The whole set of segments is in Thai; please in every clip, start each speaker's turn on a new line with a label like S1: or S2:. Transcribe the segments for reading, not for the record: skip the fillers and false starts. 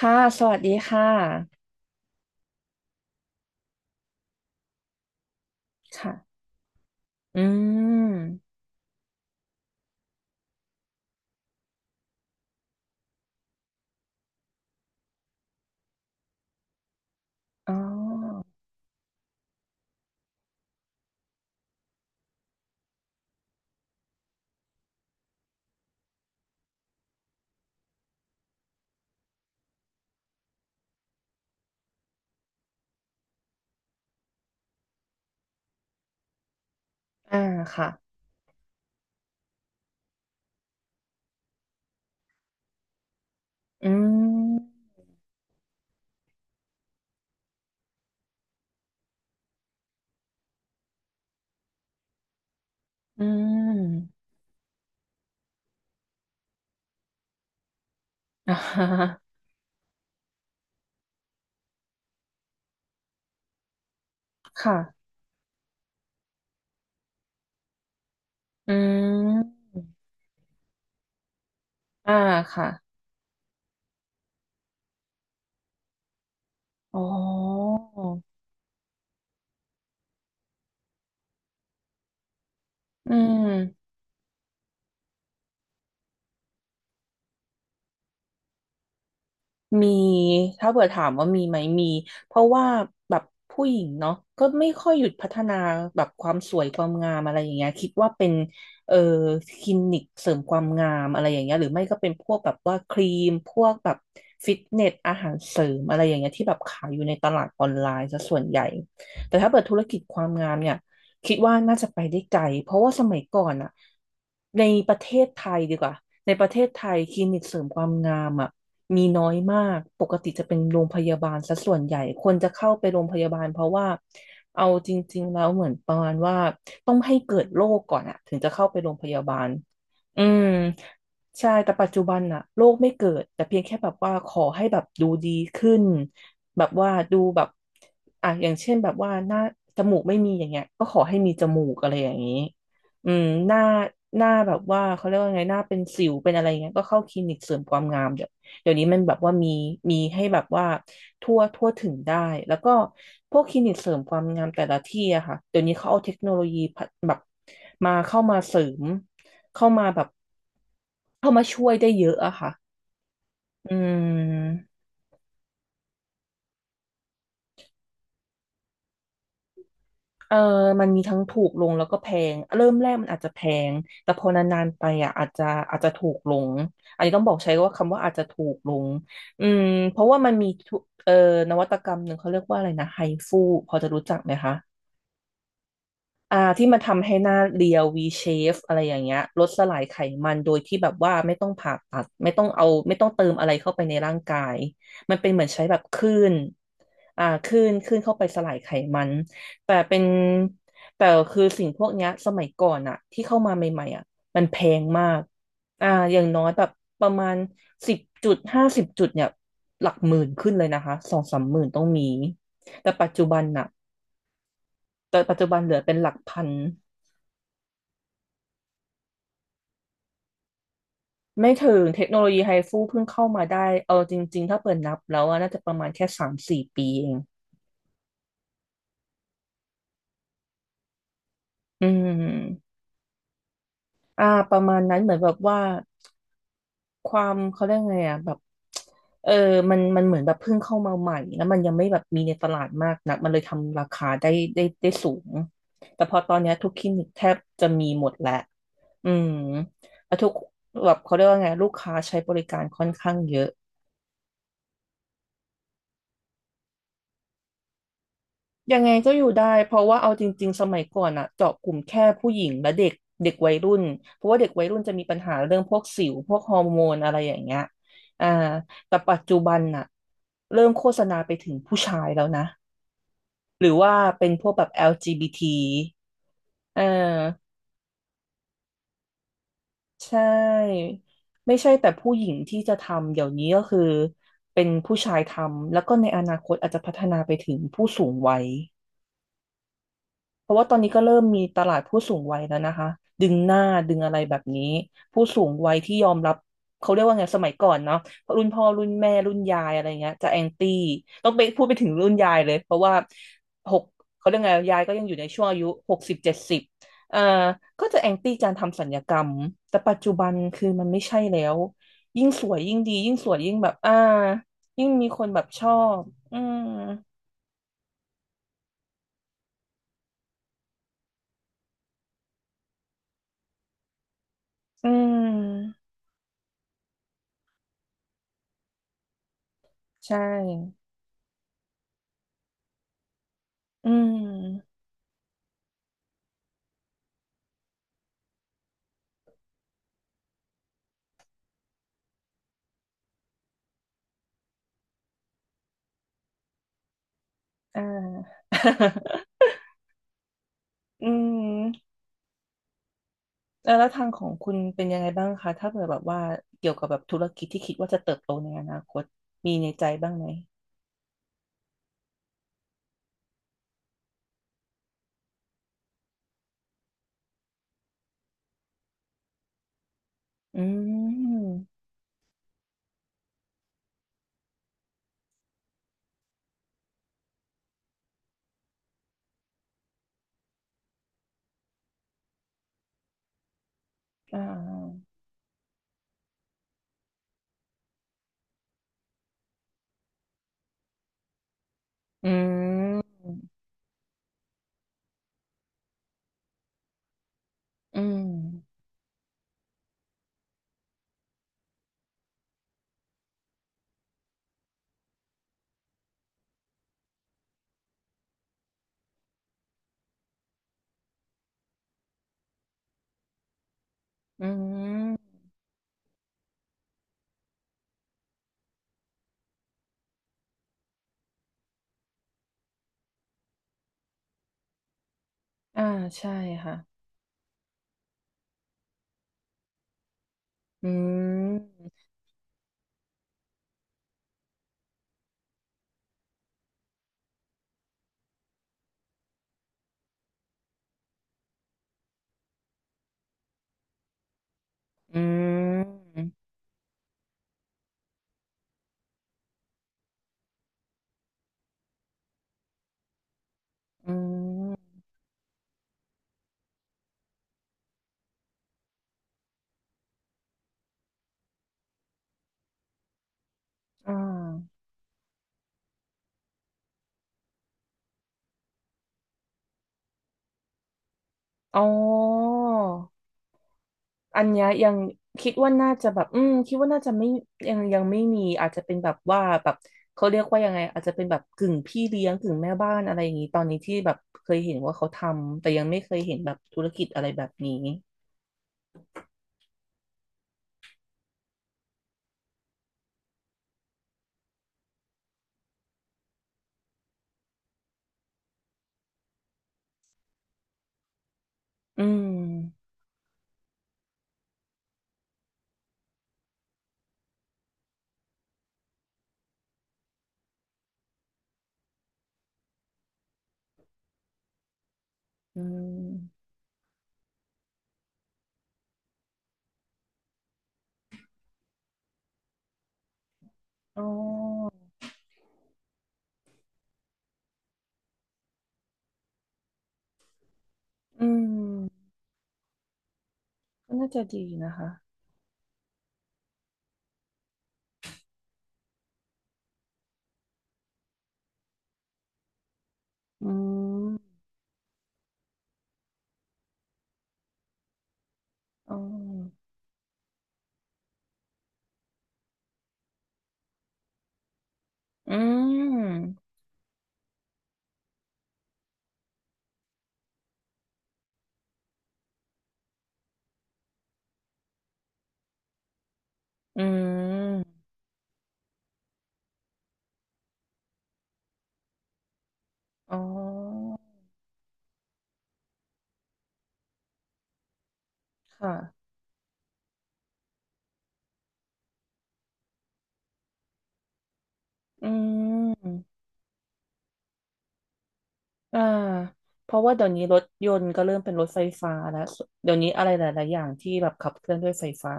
S1: ค่ะสวัสดีค่ะค่ะอืมอ๋ออ่าค่ะอืมอืม อ่าฮะค่ะอืมอ่าค่ะอ๋ออืม มีถ้าเผื่อถามว่ามีไหมมีเพราะว่าแบบผู้หญิงเนาะก็ไม่ค่อยหยุดพัฒนาแบบความสวยความงามอะไรอย่างเงี้ยคิดว่าเป็นเอ่อคลินิกเสริมความงามอะไรอย่างเงี้ยหรือไม่ก็เป็นพวกแบบว่าครีมพวกแบบฟิตเนสอาหารเสริมอะไรอย่างเงี้ยที่แบบขายอยู่ในตลาดออนไลน์ซะส่วนใหญ่แต่ถ้าเปิดธุรกิจความงามเนี่ย คิดว่าน่าจะไปได้ไกลเพราะว่าสมัยก่อนอะในประเทศไทยดีกว่าในประเทศไทยคลินิกเสริมความงามอะมีน้อยมากปกติจะเป็นโรงพยาบาลซะส่วนใหญ่คนจะเข้าไปโรงพยาบาลเพราะว่าเอาจริงๆแล้วเหมือนประมาณว่าต้องให้เกิดโรคก่อนอะถึงจะเข้าไปโรงพยาบาลอืม ใช่แต่ปัจจุบันอะโรคไม่เกิดแต่เพียงแค่แบบว่าขอให้แบบดูดีขึ้นแบบว่าดูแบบอ่ะอย่างเช่นแบบว่าหน้าจมูกไม่มีอย่างเงี้ยก็ขอให้มีจมูกอะไรอย่างนี้อืมหน้าแบบว่าเขาเรียกว่าไงหน้าเป็นสิวเป็นอะไรเงี้ยก็เข้าคลินิกเสริมความงามเดี๋ยวนี้มันแบบว่ามีให้แบบว่าทั่วทั่วถึงได้แล้วก็พวกคลินิกเสริมความงามแต่ละที่อะค่ะเดี๋ยวนี้เขาเอาเทคโนโลยีพัฒแบบมาเข้ามาเสริมเข้ามาแบบ เข้ามาช่วยได้เยอะอะค่ะอืมเออมันมีทั้งถูกลงแล้วก็แพง เริ่มแรกมันอาจจะแพง แต่พอนานๆไปอ่ะอาจจะถูกลง อันนี้ต้องบอกใช้ว่าคำว่าอาจจะถูกลงอืมเพราะว่ามันมีทุเอ่อนวัตกรรมหนึ่งเขาเรียกว่าอะไรนะไฮฟูพอจะรู้จักไหมคะ อ่าที่มันทำให้หน้าเรียว V shape อะไรอย่างเงี้ยลดสลายไขมันโดยที่แบบว่าไม่ต้องผ่าตัดไม่ต้องเอาไม่ต้องเติมอะไรเข้าไปในร่างกายมันเป็นเหมือนใช้แบบคลื่นอ่าคลื่นเข้าไปสลายไขมันแต่เป็นแต่คือสิ่งพวกเนี้ยสมัยก่อนอะที่เข้ามาใหม่ๆอะมันแพงมากอ่าอย่างน้อยแบบประมาณสิบจุดห้าสิบจุดเนี่ยหลักหมื่นขึ้นเลยนะคะสองสามหมื่นต้องมีแต่ปัจจุบันน่ะแต่ปัจจุบันเหลือเป็นหลักพัน ไม่ถึงเทคโนโลยีไฮฟูเพิ่งเข้ามาได้เอาจริงๆถ้าเปิดนับแล้วอะน่าจะประมาณแค่สามสี่ปีเองอืมอ่าประมาณนั้นเหมือนแบบว่าความเขาเรียกไงอ่ะแบบเออมันมันเหมือนแบบเพิ่งเข้ามาใหม่แล้วมันยังไม่แบบมีในตลาดมากนักมันเลยทำราคาได้สูงแต่พอตอนเนี้ยทุกคลินิกแทบจะมีหมดแล้วอืมแล้วทุกแบบเขาเรียกว่าไงลูกค้าใช้บริการค่อนข้างเยอะ ยังไงก็อยู่ได้เพราะว่าเอาจริงๆสมัยก่อนอะเจาะกลุ่มแค่ผู้หญิงและเด็กเด็กวัยรุ่นเพราะว่าเด็กวัยรุ่นจะมีปัญหาเรื่องพวกสิวพวกฮอร์โมนอะไรอย่างเงี้ยอ่าแต่ปัจจุบันน่ะเริ่มโฆษณาไปถึงผู้ชายแล้วนะหรือว่าเป็นพวกแบบ LGBT เออใช่ไม่ใช่แต่ผู้หญิงที่จะทำเดี๋ยวนี้ก็คือเป็นผู้ชายทำแล้วก็ในอนาคตอาจจะพัฒนาไปถึงผู้สูงวัย เพราะว่าตอนนี้ก็เริ่มมีตลาดผู้สูงวัยแล้วนะคะดึงหน้าดึงอะไรแบบนี้ผู้สูงวัยที่ยอมรับเขาเรียกว่าไงสมัยก่อนเนาะรุ่นพ่อรุ่นแม่รุ่นยายอะไรเงี้ยจะแอนตี้ต้องไปพูดไปถึงรุ่นยายเลยเพราะว่าหกเขาเรียกไงยายก็ยังอยู่ในช่วงอายุ60-70เอ่อก็จะแอนตี้การทำศัลยกรรมแต่ปัจจุบันคือมันไม่ใช่แล้วยิ่งสวยยิ่งดียิ่งสวยยิ่งแบบยิ่งมีคนแบบชอบอืมอืมใช่อืม อ่า อืมแล้วทางของคุณเป็นยังไงบ้างคะถ้าเกิดแบบว่าเกี่ยวกับแบบธุรกิจที่คิดว่าจะเติบโตในอนาคตมีในใจบ้างไหมอืมอ่าอืมอืมอืมอ่าใช่ค่ะอืมอืมอืมอ่าอ๋อ อันเนี้ยยังคิดว่าน่าจะแบบคิดว่าน่าจะไม่ยังไม่มีอาจจะเป็นแบบว่าแบบเขาเรียกว่ายังไงอาจจะเป็นแบบกึ่งพี่เลี้ยงกึ่งแม่บ้านอะไรอย่างนี้ตอนนี้ที่แบบเคยเห็นว่าเขาทำแต่ยังไม่เคยเห็นแบบธุรกิจอะไรแบบนี้อืมอืมอ๋ออืมก็น่าจะดีนะคะอืมอ๋ออืมอืมอ๋อค่ะอืม อ่าเพราะว่าเดี๋ยวนี้รถยนต์ก็เริ่มเป็นรถไฟฟ้าแล้วเดี๋ยวนี้อะไรหลายๆอย่างที่แบบขับเคลื่อนด้วยไฟฟ้า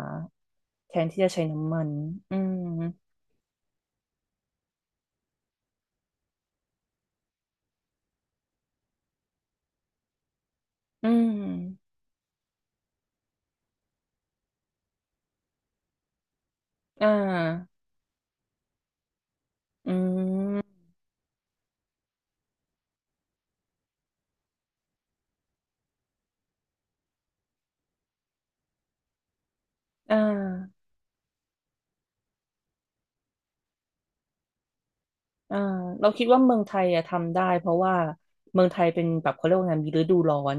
S1: แทนที่จะใช้น้ำมันอืมอืมอ่าอืมอ่าอ่าเราคิดว่าเมืองไทยอะทำได้เพราะว่าเมืองไทยเป็นแบบเขาเรียกว่าไงมีฤดูร้อน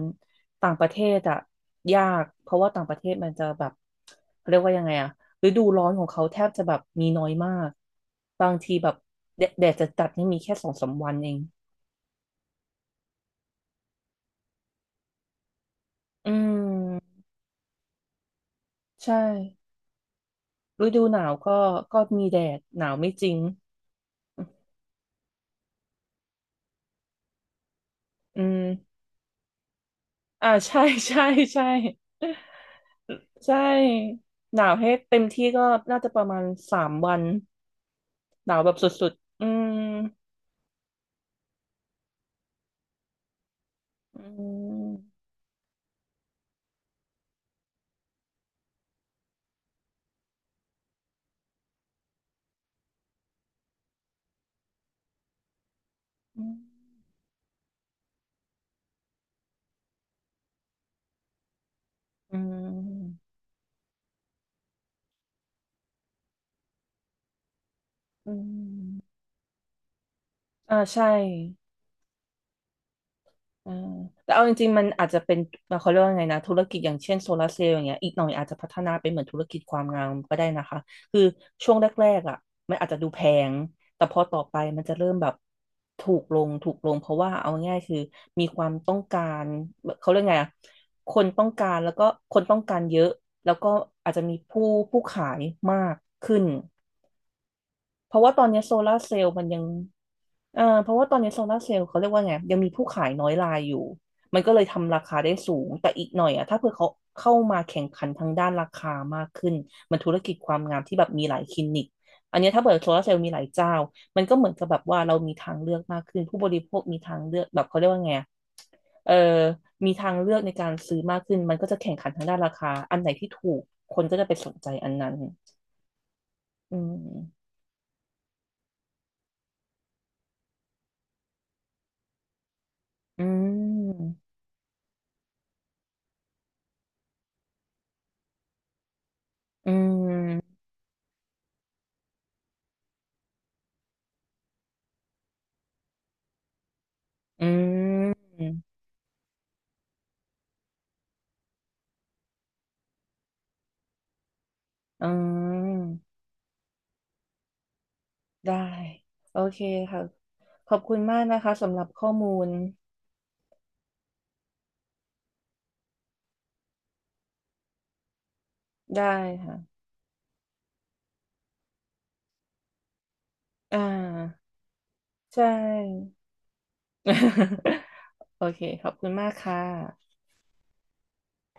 S1: ต่างประเทศอะยากเพราะว่าต่างประเทศมันจะแบบเขาเรียกว่ายังไงอะฤดูร้อนของเขาแทบจะแบบมีน้อยมากบางทีแบบแดดจะจัดนี่มีแค่สองสามวันเอง อืมใช่ฤดูหนาวก็ก็มีแดดหนาวไม่จริงอืมอ่า ใช่ใช่ใช่ใช่หนาวให้เต็มที่ก็น่าจะประมาณสามวันหนาวแบบสุดๆอืมอืมอืมอืมอ่าใช่ เออแต่เอาจริงๆมันอาจจะเป็นเขาเรียกว่าไงนะธุรกิจอย่างเช่นโซลาร์เซลล์อย่างเงี้ยอีกหน่อยอาจจะพัฒนาเป็นเหมือนธุรกิจความงามก็ได้นะคะคือช่วงแรกๆอ่ะมันอาจจะดูแพงแต่พอต่อไปมันจะเริ่มแบบถูกลงถูกลงเพราะว่าเอาง่ายๆคือมีความต้องการเขาเรียกไงอ่ะคนต้องการแล้วก็คนต้องการเยอะแล้วก็อาจจะมีผู้ขายมากขึ้น เพราะว่าตอนนี้โซลาร์เซลล์มันยังเพราะว่าตอนนี้โซลาร์เซลล์เขาเรียกว่าไงยังมีผู้ขายน้อยรายอยู่มันก็เลยทำราคาได้สูงแต่อีกหน่อยอะถ้าเผื่อเขาเข้ามาแข่งขันทางด้านราคามากขึ้นมันธุรกิจความงามที่แบบมีหลายคลินิกอันเนี้ยถ้าเปิดโซลาร์เซลล์มีหลายเจ้ามันก็เหมือนกับแบบว่าเรามีทางเลือกมากขึ้นผู้บริโภคมีทางเลือกแบบเขาเรียกว่าไงอะเออมีทางเลือกในการซื้อมากขึ้นมันก็จะแข่งขันทางด้านราคาอันไหนที่ถูกคนก็จะไปสนใจอันนั้นอืมอืม อืม อืม อืม ได้ โอเคค่ะ ขอบคุณมากนะคะสำหรับข้อมูล ได้ค่ะ อ่า ใช่ โอเค ขอบคุณมากค่ะ